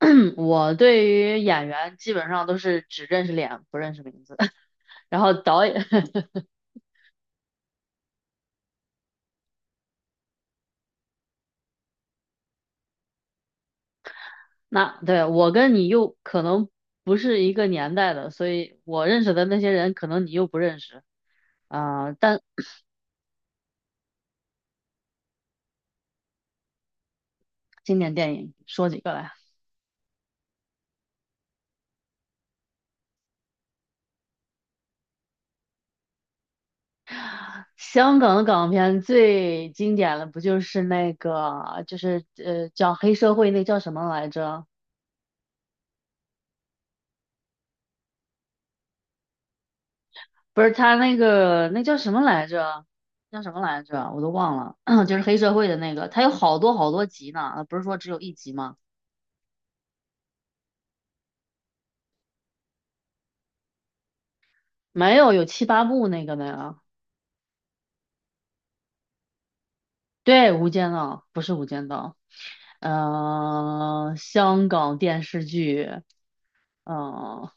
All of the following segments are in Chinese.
我对于演员基本上都是只认识脸，不认识名字。然后导演，那对我跟你又可能不是一个年代的，所以我认识的那些人，可能你又不认识。啊、呃但经典电影说几个来？香港的港片最经典的不就是那个，就是讲黑社会那叫什么来着？不是他那个那叫什么来着？叫什么来着？我都忘了，就是黑社会的那个，他有好多好多集呢，不是说只有一集吗？没有，有七八部那个的呀。对，《无间道》不是《无间道》，嗯，香港电视剧。嗯、呃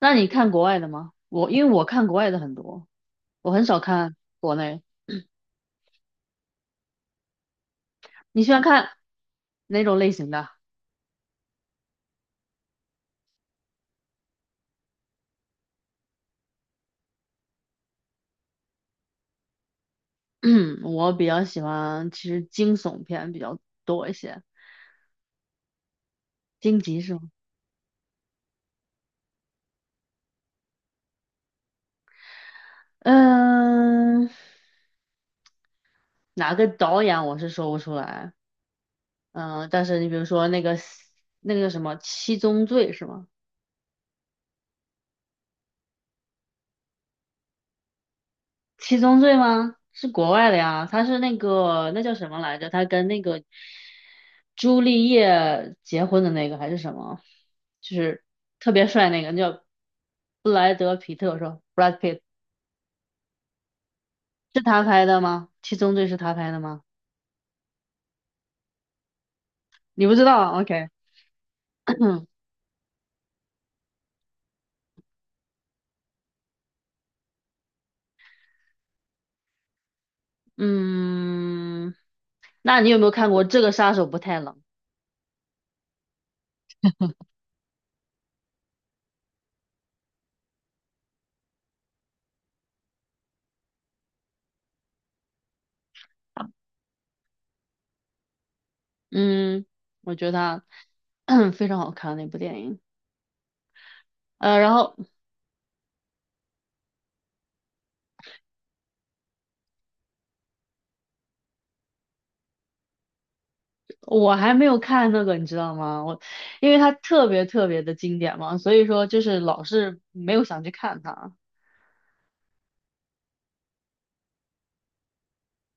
那你看国外的吗？我因为我看国外的很多，我很少看国内。你喜欢看哪种类型的？我比较喜欢，其实惊悚片比较多一些。惊级是吗？嗯，哪个导演我是说不出来。嗯，但是你比如说那个那个什么《七宗罪》是吗？《七宗罪》吗？是国外的呀，他是那个那叫什么来着？他跟那个朱丽叶结婚的那个还是什么？就是特别帅那个，叫布莱德皮特是吧？Brad Pitt 是他拍的吗？《七宗罪》是他拍的吗？你不知道啊？OK。嗯，那你有没有看过《这个杀手不太冷》？嗯，我觉得它 非常好看那部电影。呃，然后我还没有看那个，你知道吗？我因为它特别特别的经典嘛，所以说就是老是没有想去看它。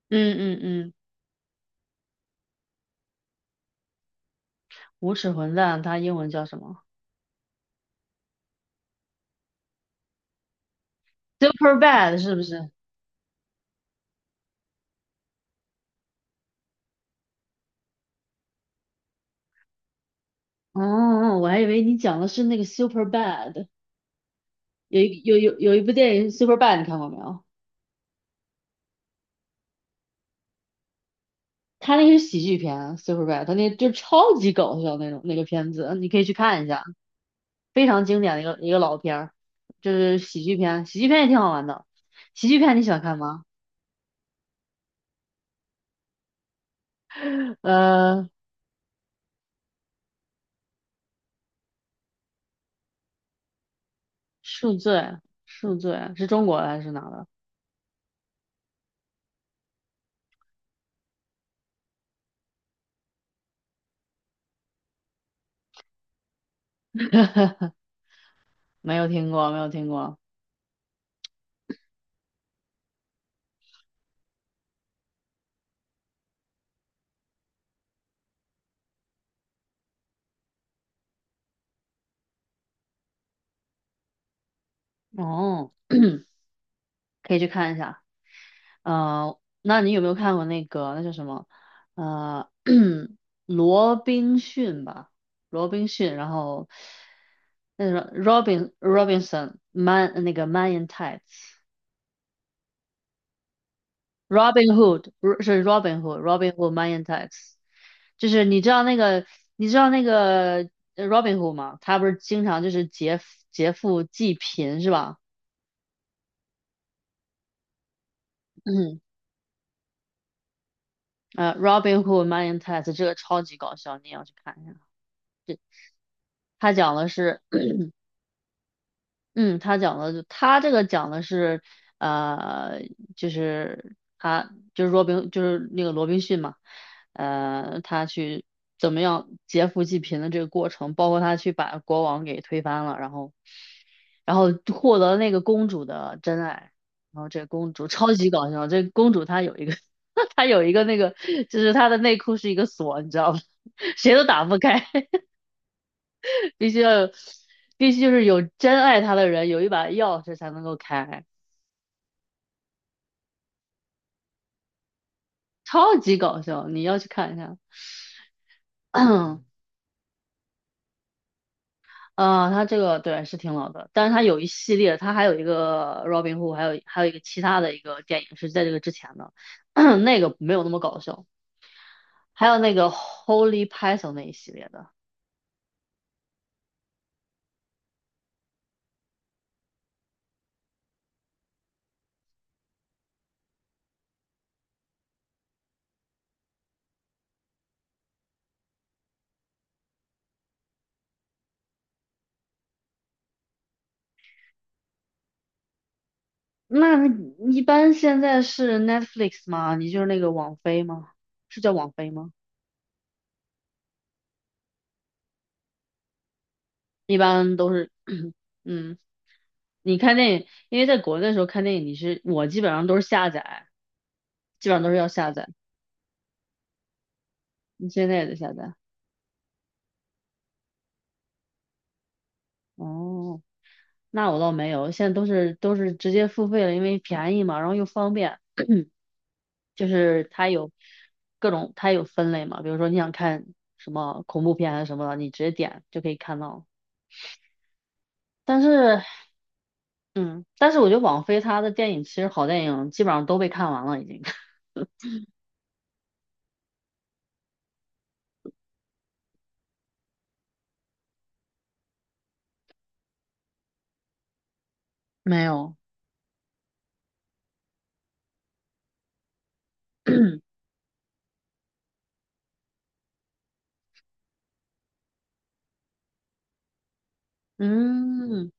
嗯嗯嗯，无耻混蛋，它英文叫什么？Super Bad 是不是？哦，我还以为你讲的是那个 Super Bad，有一部电影 Super Bad，你看过没有？他那个是喜剧片，Super Bad，他那就超级搞笑那种那个片子，你可以去看一下，非常经典的一个老片儿，就是喜剧片，喜剧片也挺好玩的。喜剧片你喜欢看吗？呃，恕罪，恕罪是中国的还是哪的？没有听过，没有听过。哦，可以去看一下。呃，那你有没有看过那个那叫什么？呃，罗宾逊吧，罗宾逊，然后那什么 Robin Robinson Man 那个 Man in Tights，Robin Hood 不是是 Robin Hood，Robin Hood Man in Tights，就是你知道那个你知道那个Robin Hood 吗？他不是经常就是劫富济贫是吧？嗯，呃，Robin Hood Man in Tights 这个超级搞笑，你也要去看一下。他讲的是。嗯，他讲的就他这个讲的是，呃，就是他就是罗宾就是那个罗宾逊嘛，呃，他去怎么样劫富济贫的这个过程，包括他去把国王给推翻了，然后然后获得那个公主的真爱，然后这公主超级搞笑，这公主她有一个 她有一个那个就是她的内裤是一个锁，你知道吗？谁都打不开。必须要有，必须就是有真爱他的人有一把钥匙才能够开，超级搞笑，你要去看一下。他这个对是挺老的，但是他有一系列，他还有一个 Robin Hood，还有一个其他的一个电影是在这个之前的，那个没有那么搞笑。还有那个 Holy Python 那一系列的，那一般现在是 Netflix 吗？你就是那个网飞吗？是叫网飞吗？一般都是，嗯，你看电影，因为在国内的时候看电影，你是我基本上都是下载，基本上都是要下载。你现在也得下载？哦，那我倒没有，现在都是直接付费了，因为便宜嘛，然后又方便。就是它有各种，它有分类嘛，比如说你想看什么恐怖片还是什么的，你直接点就可以看到。但是，嗯，但是我觉得网飞它的电影其实好电影基本上都被看完了，已经 没有。嗯，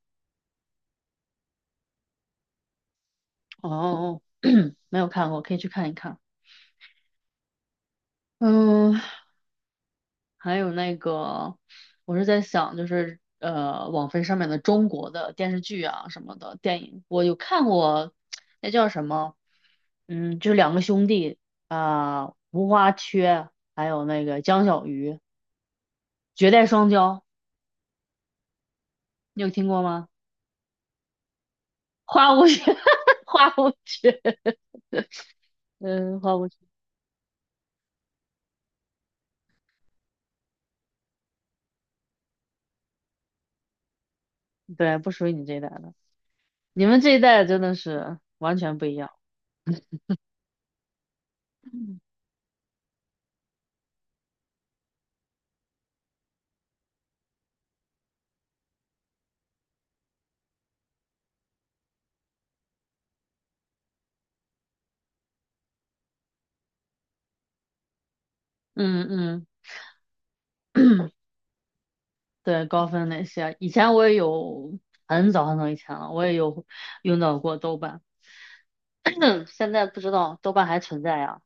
哦，没有看过，可以去看一看。嗯，还有那个，我是在想，就是网飞上面的中国的电视剧啊什么的电影，我有看过，那叫什么？嗯，就两个兄弟啊，无花缺，还有那个江小鱼，绝代双骄，你有听过吗？花无缺，花无缺，嗯，花无缺，对，不属于你这一代的，你们这一代真的是完全不一样。嗯嗯。对，高分那些，以前我也有，很早很早以前了，我也有用到过豆瓣，现在不知道豆瓣还存在呀。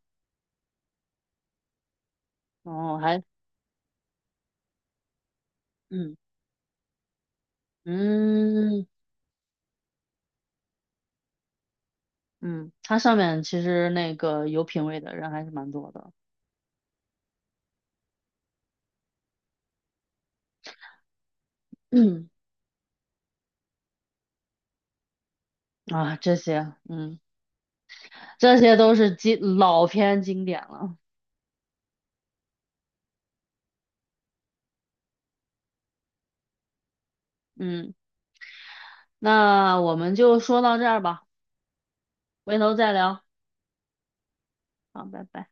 哦，还，嗯嗯嗯，它上面其实那个有品位的人还是蛮多的。嗯啊，这些，嗯，这些都是经老片经典了。嗯，那我们就说到这儿吧，回头再聊。好，拜拜。